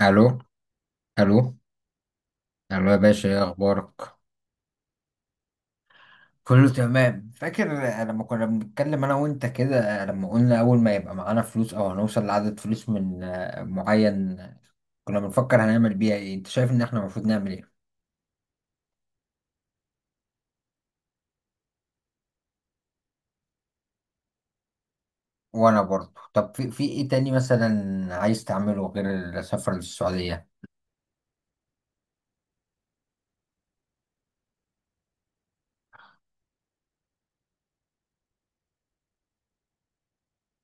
الو. الو. الو يا باشا، ايه اخبارك؟ كله تمام. فاكر لما كنا بنتكلم انا وانت كده، لما قلنا اول ما يبقى معانا فلوس او هنوصل لعدد فلوس من معين، كنا بنفكر هنعمل بيها ايه. انت شايف ان احنا المفروض نعمل ايه؟ وانا برضه. طب في ايه تاني مثلا عايز تعمله غير السفر للسعودية؟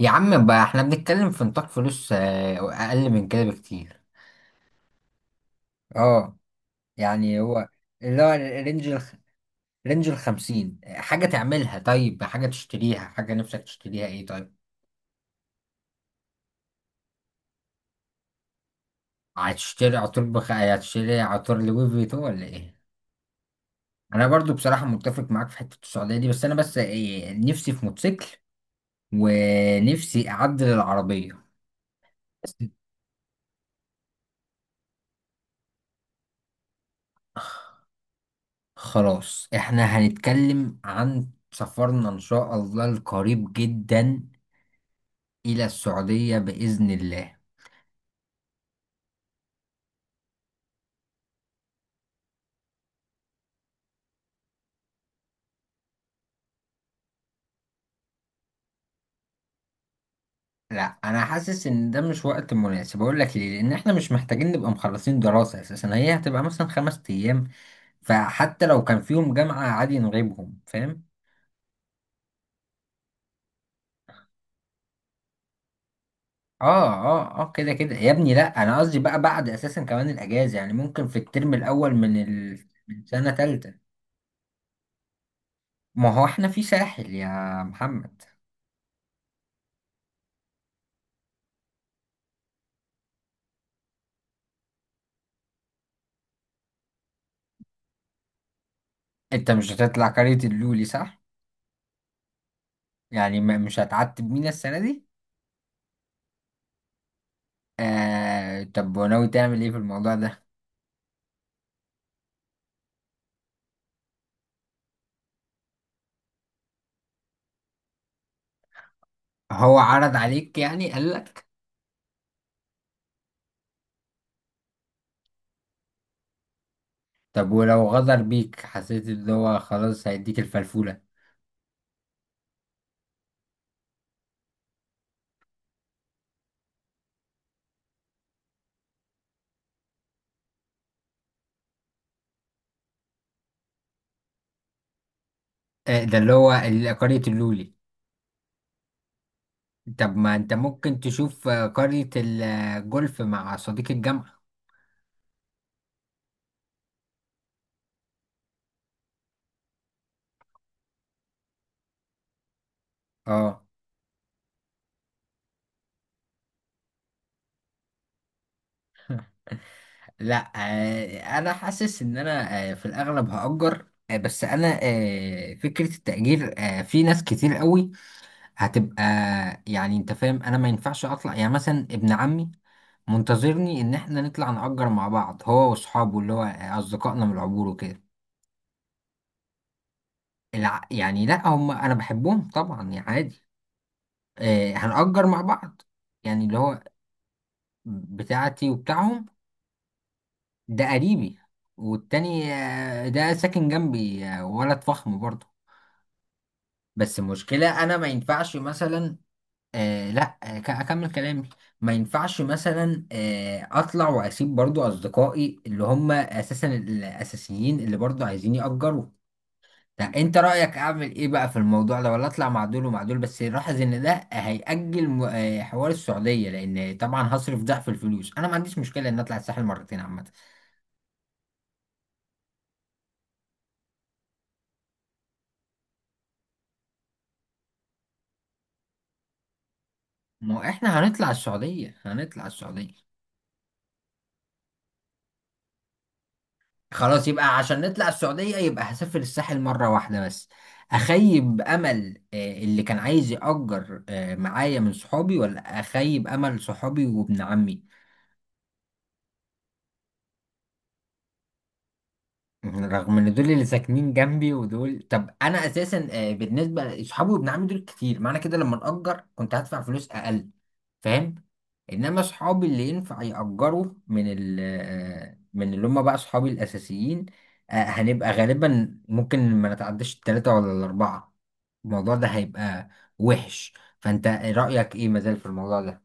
يا عم بقى، احنا بنتكلم في نطاق فلوس اقل من كده بكتير. اه، يعني هو، اللي هو الرينج، رينج الخمسين، حاجة تعملها، طيب، حاجة تشتريها، حاجة نفسك تشتريها ايه، طيب. هتشتري عطور لوي فيتو ولا ايه؟ انا برضو بصراحة متفق معاك في حتة السعودية دي، بس انا، بس إيه، نفسي في موتوسيكل، ونفسي اعدل العربية. بس خلاص، احنا هنتكلم عن سفرنا ان شاء الله القريب جدا الى السعودية بإذن الله. لا، انا حاسس ان ده مش وقت مناسب. اقول لك ليه؟ لان احنا مش محتاجين نبقى مخلصين دراسة اساسا، هي هتبقى مثلا 5 ايام، فحتى لو كان فيهم جامعة عادي نغيبهم. فاهم؟ اه، اه، اه، كده كده يا ابني. لا، انا قصدي بقى بعد، اساسا كمان الاجازة، يعني ممكن في الترم الاول من سنة تالتة. ما هو احنا في ساحل يا محمد. انت مش هتطلع قرية اللولي، صح؟ يعني مش هتعتب مينا السنة دي؟ آه، طب وناوي تعمل ايه في الموضوع ده؟ هو عرض عليك، يعني قال لك؟ طب ولو غدر بيك، حسيت اللي هو خلاص هيديك الفلفولة؟ آه، ده اللي هو قرية اللولي. طب ما انت ممكن تشوف قرية الجولف مع صديق الجامعة. اه، لا. آه، انا حاسس ان انا في الاغلب هأجر. بس انا، فكرة التأجير في ناس كتير قوي هتبقى. يعني انت فاهم، انا ما ينفعش اطلع، يعني مثلا ابن عمي منتظرني ان احنا نطلع نأجر مع بعض، هو واصحابه اللي هو اصدقائنا من العبور وكده. يعني لا، هم انا بحبهم طبعا يعني عادي. آه، هنأجر مع بعض. يعني اللي هو بتاعتي وبتاعهم. ده قريبي، والتاني ده ساكن جنبي، ولد فخم برضه. بس المشكلة انا ما ينفعش مثلا. آه لا آه، ك- اكمل كلامي ما ينفعش مثلا اطلع واسيب برضه اصدقائي اللي هم اساسا الاساسيين اللي برضه عايزين يأجروا. لا، انت رأيك اعمل ايه بقى في الموضوع ده؟ ولا اطلع مع دول ومع دول؟ بس لاحظ ان ده هيأجل حوار السعودية، لان طبعا هصرف ضعف الفلوس. انا ما عنديش مشكلة ان اطلع الساحل مرتين عامة. ما هو احنا هنطلع السعودية، هنطلع السعودية. خلاص، يبقى عشان نطلع السعودية يبقى هسافر الساحل مرة واحدة بس. اخيب امل اللي كان عايز يأجر معايا من صحابي، ولا اخيب امل صحابي وابن عمي؟ رغم ان دول اللي ساكنين جنبي ودول. طب انا اساسا، بالنسبه لاصحابي وابن عمي دول كتير، معنى كده لما نأجر كنت هدفع فلوس اقل. فاهم؟ انما اصحابي اللي ينفع يأجروا من ال من اللي هم بقى اصحابي الاساسيين، هنبقى غالبا ممكن ما نتعداش التلاتة ولا الاربعة. الموضوع ده هيبقى وحش. فانت رأيك ايه مازال في الموضوع ده؟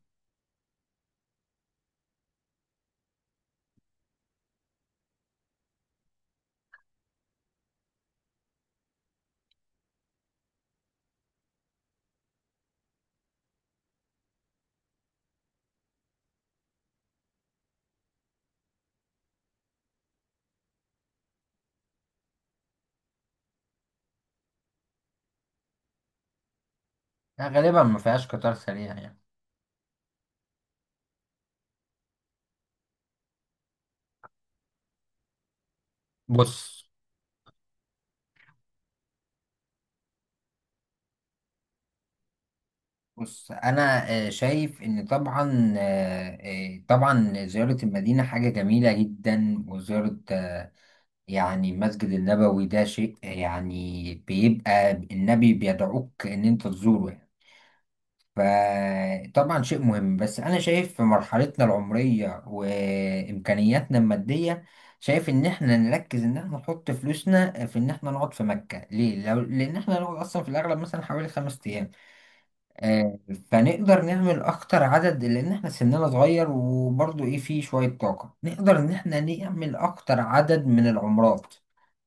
غالبا ما فيهاش قطار سريع يعني. بص. بص، انا شايف ان طبعا، طبعا زيارة المدينة حاجة جميلة جدا، وزيارة يعني المسجد النبوي، ده شيء يعني بيبقى النبي بيدعوك ان انت تزوره يعني. فطبعا شيء مهم، بس انا شايف في مرحلتنا العمرية وامكانياتنا المادية، شايف ان احنا نركز ان احنا نحط فلوسنا في ان احنا نقعد في مكة. ليه؟ لو لان احنا نقعد اصلا في الاغلب مثلا حوالي 5 ايام، آه، فنقدر نعمل اكتر عدد، لان احنا سننا صغير وبرضو ايه، فيه شوية طاقة نقدر ان احنا نعمل اكتر عدد من العمرات.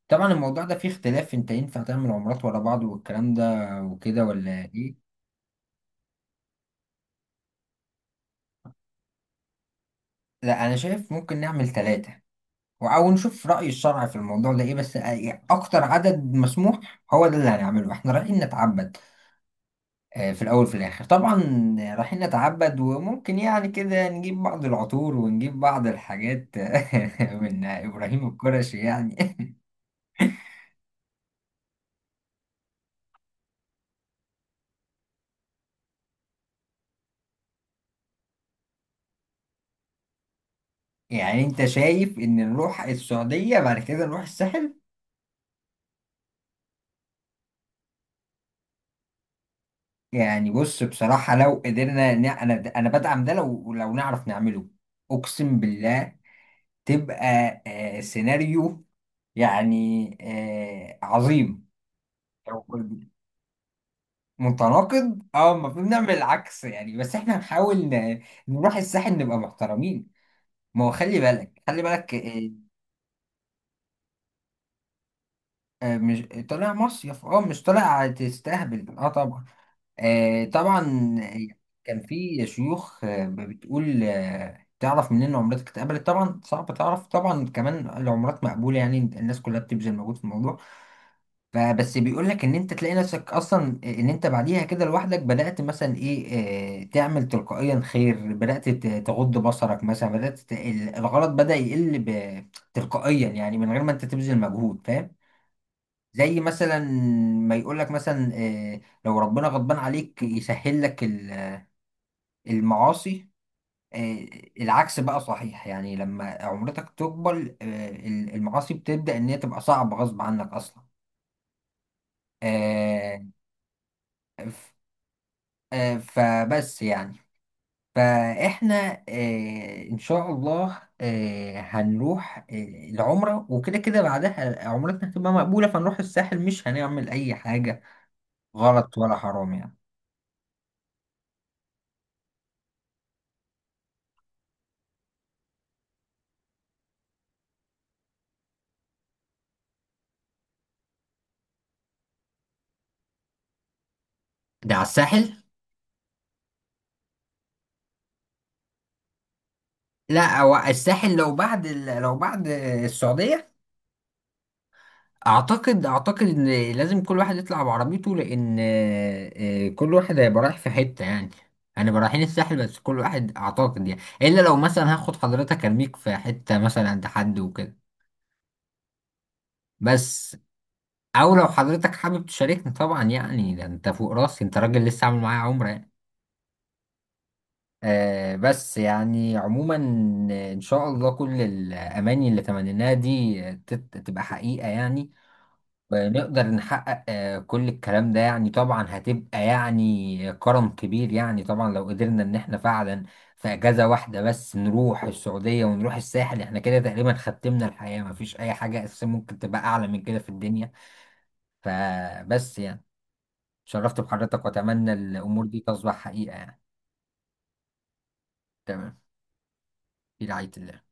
طبعا الموضوع ده فيه اختلاف، انت ينفع تعمل عمرات ورا بعض والكلام ده وكده ولا ايه؟ لا، انا شايف ممكن نعمل ثلاثة، او نشوف رأي الشرع في الموضوع ده ايه، بس اكتر عدد مسموح هو ده اللي هنعمله. احنا رايحين نتعبد في الأول وفي الآخر طبعا، رايحين نتعبد. وممكن يعني كده نجيب بعض العطور ونجيب بعض الحاجات من إبراهيم القرشي يعني يعني أنت شايف إن نروح السعودية بعد كده نروح الساحل؟ يعني بص، بصراحة لو قدرنا أنا، أنا بدعم ده، لو لو نعرف نعمله، أقسم بالله. تبقى سيناريو يعني عظيم. متناقض، اه، المفروض نعمل العكس يعني، بس احنا نحاول نروح الساحل نبقى محترمين. ما هو خلي بالك، خلي بالك، مش طالع مصيف، اه مش طالع تستهبل، اه طبعا. طبعا. آه، كان في شيوخ بتقول تعرف منين عمرتك اتقبلت. طبعا صعب تعرف، طبعا كمان العمرات مقبولة يعني الناس كلها بتبذل مجهود في الموضوع، فبس بيقول لك ان انت تلاقي نفسك اصلا ان انت بعديها كده لوحدك، بدأت مثلا ايه، تعمل تلقائيا خير، بدأت تغض بصرك مثلا، بدأت الغلط بدأ يقل تلقائيا، يعني من غير ما انت تبذل مجهود. فاهم؟ زي مثلا ما يقول لك مثلا، لو ربنا غضبان عليك يسهل لك المعاصي. آه، العكس بقى صحيح، يعني لما عمرتك تكبر المعاصي بتبدأ ان هي تبقى صعبة غصب عنك اصلا. آه، فبس يعني، فاحنا ان شاء الله هنروح العمرة وكده، كده بعدها عمرتنا هتبقى مقبولة، فنروح الساحل مش هنعمل اي حاجة غلط ولا حرام يعني. ده على الساحل. لا، هو الساحل لو بعد لو بعد السعودية. اعتقد ان لازم كل واحد يطلع بعربيته، لان كل واحد هيبقى رايح في حته يعني، هنبقى رايحين الساحل بس كل واحد اعتقد يعني. الا لو مثلا هاخد حضرتك ارميك في حته مثلا عند حد وكده بس. او لو حضرتك حابب تشاركني طبعا، يعني ده انت فوق راسي، انت راجل لسه عامل معايا عمره يعني. آه بس يعني عموما، ان شاء الله كل الاماني اللي تمنيناها دي تبقى حقيقه يعني، نقدر نحقق كل الكلام ده يعني. طبعا هتبقى يعني كرم كبير يعني، طبعا لو قدرنا ان احنا فعلا في اجازة واحدة بس نروح السعودية ونروح الساحل، احنا كده تقريبا ختمنا الحياة، مفيش اي حاجة اساسا ممكن تبقى اعلى من كده في الدنيا. فبس يعني شرفت بحضرتك، واتمنى الامور دي تصبح حقيقة يعني. تمام. في رعاية الله.